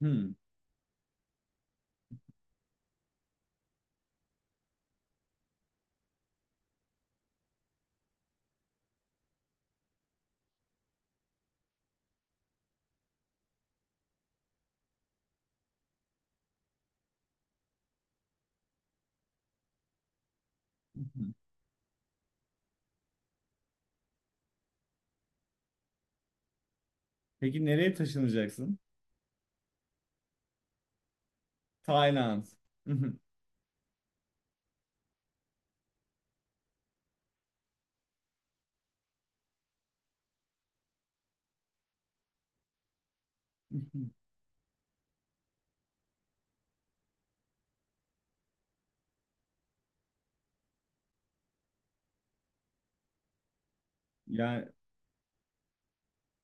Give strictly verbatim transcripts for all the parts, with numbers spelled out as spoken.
Hmm. Peki nereye taşınacaksın? Tayland. Yani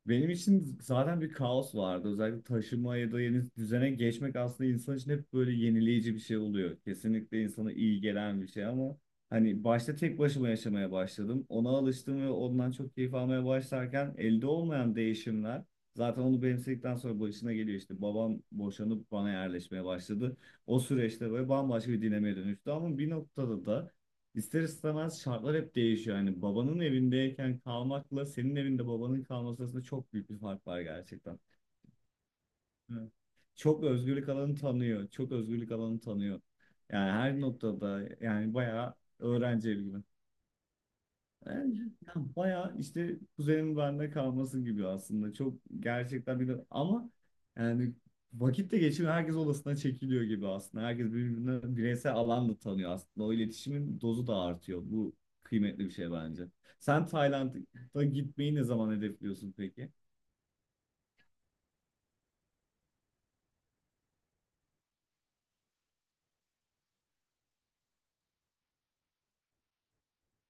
benim için zaten bir kaos vardı. Özellikle taşıma ya da yeni düzene geçmek aslında insan için hep böyle yenileyici bir şey oluyor. Kesinlikle insana iyi gelen bir şey ama hani başta tek başıma yaşamaya başladım. Ona alıştım ve ondan çok keyif almaya başlarken elde olmayan değişimler zaten onu benimsedikten sonra başına geliyor işte. Babam boşanıp bana yerleşmeye başladı. O süreçte böyle bambaşka bir dinamiğe dönüştü ama bir noktada da İster istemez şartlar hep değişiyor. Yani babanın evindeyken kalmakla senin evinde babanın kalması arasında çok büyük bir fark var gerçekten. Evet. Çok özgürlük alanı tanıyor. Çok özgürlük alanı tanıyor. Yani her noktada yani bayağı öğrenci evi gibi. Yani ya bayağı işte kuzenin bende kalması gibi aslında. Çok gerçekten bir de ama yani vakitte geçiyor. Herkes odasına çekiliyor gibi aslında. Herkes birbirine bireysel alan da tanıyor aslında. O iletişimin dozu da artıyor. Bu kıymetli bir şey bence. Sen Tayland'a gitmeyi ne zaman hedefliyorsun peki?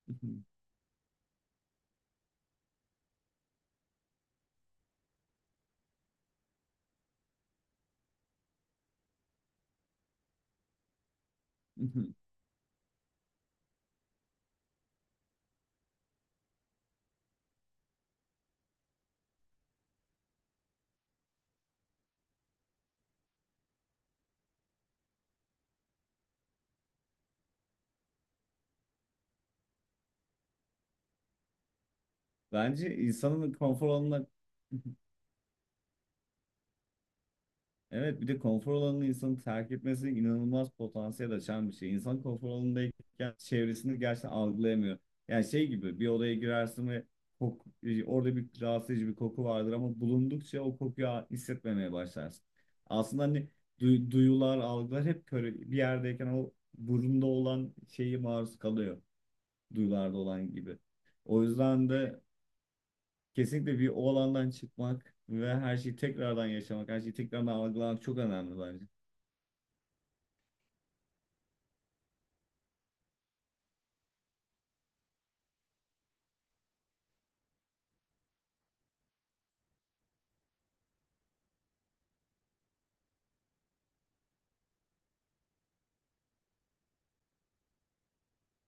Bence insanın konfor alanına. Evet, bir de konfor alanını insanın terk etmesi inanılmaz potansiyel açan bir şey. İnsan konfor alanındayken çevresini gerçekten algılayamıyor. Yani şey gibi, bir odaya girersin ve kok, e, orada bir rahatsız edici bir koku vardır ama bulundukça o kokuyu a- hissetmemeye başlarsın. Aslında hani duy- duyular, algılar hep böyle bir yerdeyken o burunda olan şeyi maruz kalıyor. Duyularda olan gibi. O yüzden de kesinlikle bir o alandan çıkmak ve her şeyi tekrardan yaşamak, her şeyi tekrardan algılamak çok önemli bence.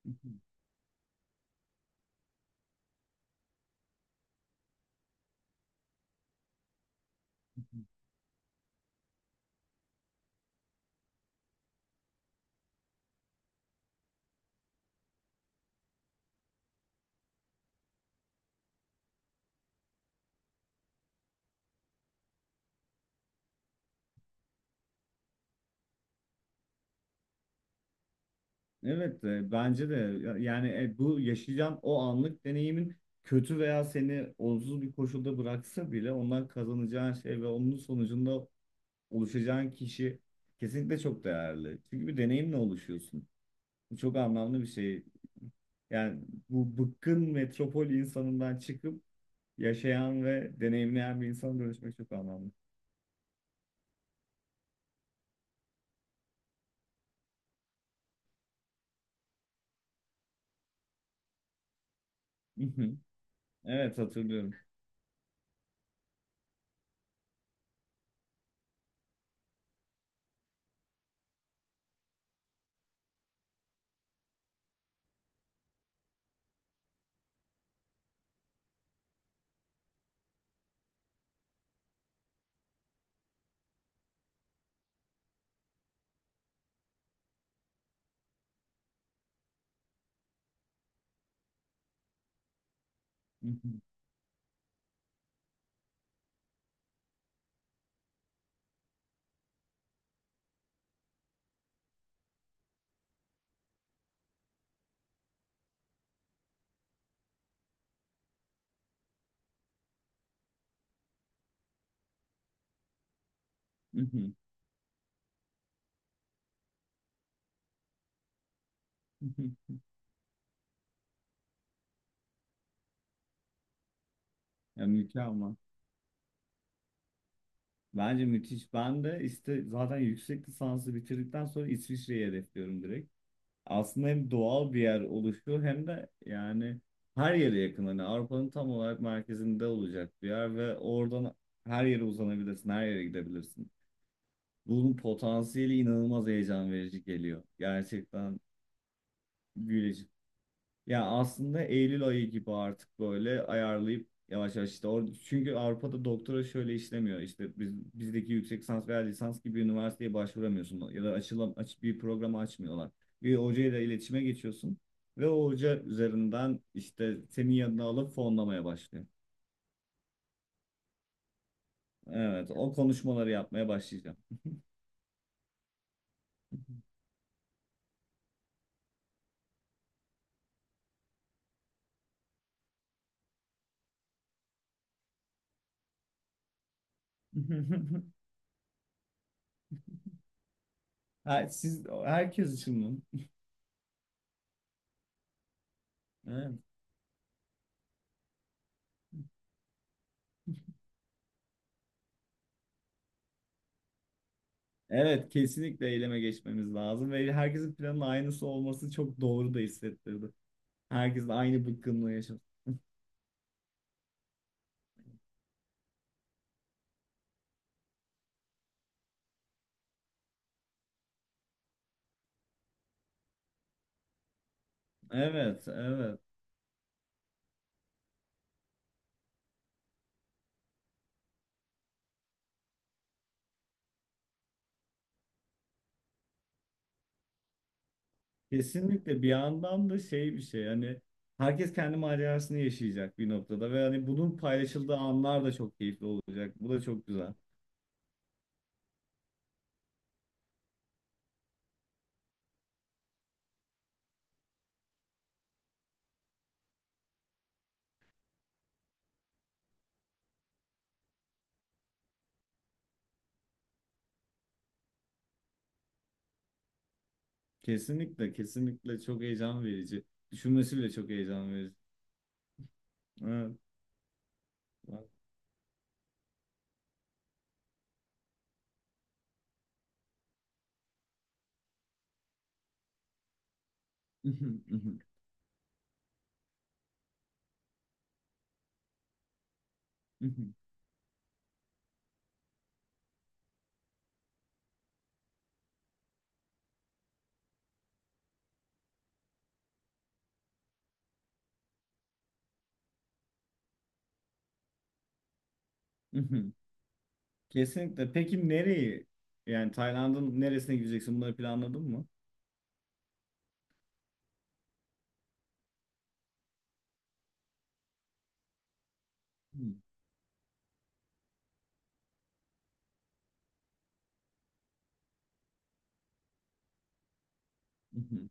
Evet, e, bence de. Ya- yani, e, bu yaşayacağın o anlık deneyimin kötü veya seni olumsuz bir koşulda bıraksa bile ondan kazanacağın şey ve onun sonucunda oluşacağın kişi kesinlikle çok değerli. Çünkü bir deneyimle oluşuyorsun. Bu çok anlamlı bir şey. Yani bu bıkkın metropol insanından çıkıp yaşayan ve deneyimleyen bir insana dönüşmek çok anlamlı. Evet, hatırlıyorum. Ya, mükemmel. Bence müthiş. Ben de işte zaten yüksek lisansı bitirdikten sonra İsviçre'yi hedefliyorum direkt. Aslında hem doğal bir yer oluşuyor hem de yani her yere yakın. Hani Avrupa'nın tam olarak merkezinde olacak bir yer ve oradan her yere uzanabilirsin, her yere gidebilirsin. Bunun potansiyeli inanılmaz heyecan verici geliyor. Gerçekten büyüleyici. Ya aslında Eylül ayı gibi artık böyle ayarlayıp yavaş yavaş işte orada, çünkü Avrupa'da doktora şöyle işlemiyor işte biz bizdeki yüksek lisans veya lisans gibi üniversiteye başvuramıyorsun ya da açılan aç bir programı açmıyorlar. Bir hocayla iletişime geçiyorsun ve o hoca üzerinden işte senin yanına alıp fonlamaya başlıyor. Evet, o konuşmaları yapmaya başlayacağım. Ha, siz herkes için mi? Evet. Evet, kesinlikle eyleme geçmemiz lazım ve herkesin planının aynısı olması çok doğru da hissettirdi. Herkesin aynı bıkkınlığı yaşadı. Evet, evet. Kesinlikle. Bir yandan da şey, bir şey hani, herkes kendi macerasını yaşayacak bir noktada ve hani bunun paylaşıldığı anlar da çok keyifli olacak. Bu da çok güzel. Kesinlikle, kesinlikle çok heyecan verici. Düşünmesi bile çok heyecan verici. Evet. Kesinlikle. Peki nereyi? Yani Tayland'ın neresine gideceksin? Bunları planladın mı? Hmm. Mhm.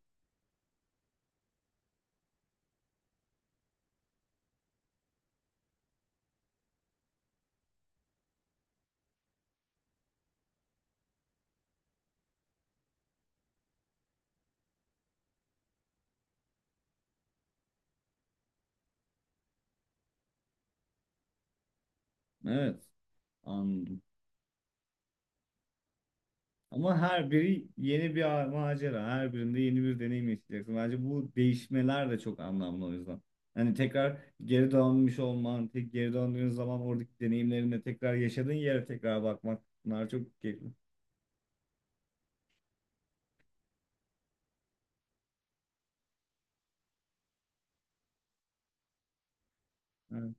Evet. Anladım. Ama her biri yeni bir a- macera. Her birinde yeni bir deneyim yaşayacaksın. Bence bu değişmeler de çok anlamlı o yüzden. Hani tekrar geri dönmüş olman, tek geri döndüğün zaman oradaki deneyimlerinde tekrar yaşadığın yere tekrar bakmak. Bunlar çok keyifli. Evet.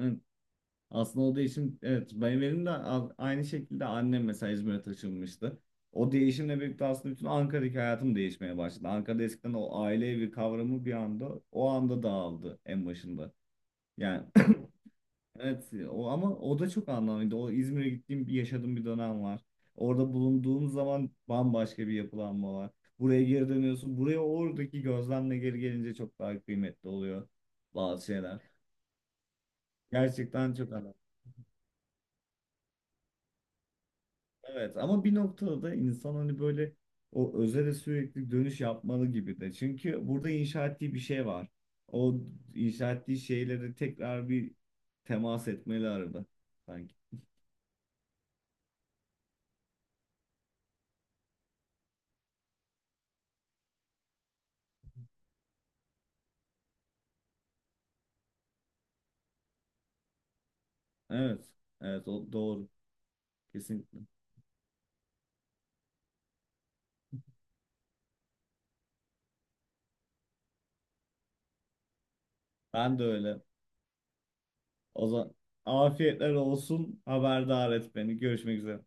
Evet. Aslında o değişim, evet, benim benim de a- aynı şekilde, annem mesela İzmir'e taşınmıştı. O değişimle birlikte aslında bütün Ankara'daki hayatım değişmeye başladı. Ankara'da eskiden o aile evi kavramı bir anda, o anda dağıldı en başında. Yani evet, o ama o da çok anlamlıydı. O İzmir'e gittiğim, bir yaşadığım bir dönem var. Orada bulunduğum zaman bambaşka bir yapılanma var. Buraya geri dönüyorsun. Buraya oradaki gözlemle geri gelince çok daha kıymetli oluyor bazı şeyler. Gerçekten çok. Evet ama bir noktada da insan hani böyle o özele sürekli dönüş yapmalı gibi de. Çünkü burada inşa ettiği bir şey var. O inşa ettiği şeyleri tekrar bir temas etmeli arada sanki. Evet. Evet, o doğru. Kesinlikle. Ben de öyle. O zaman afiyetler olsun. Haberdar et beni. Görüşmek üzere.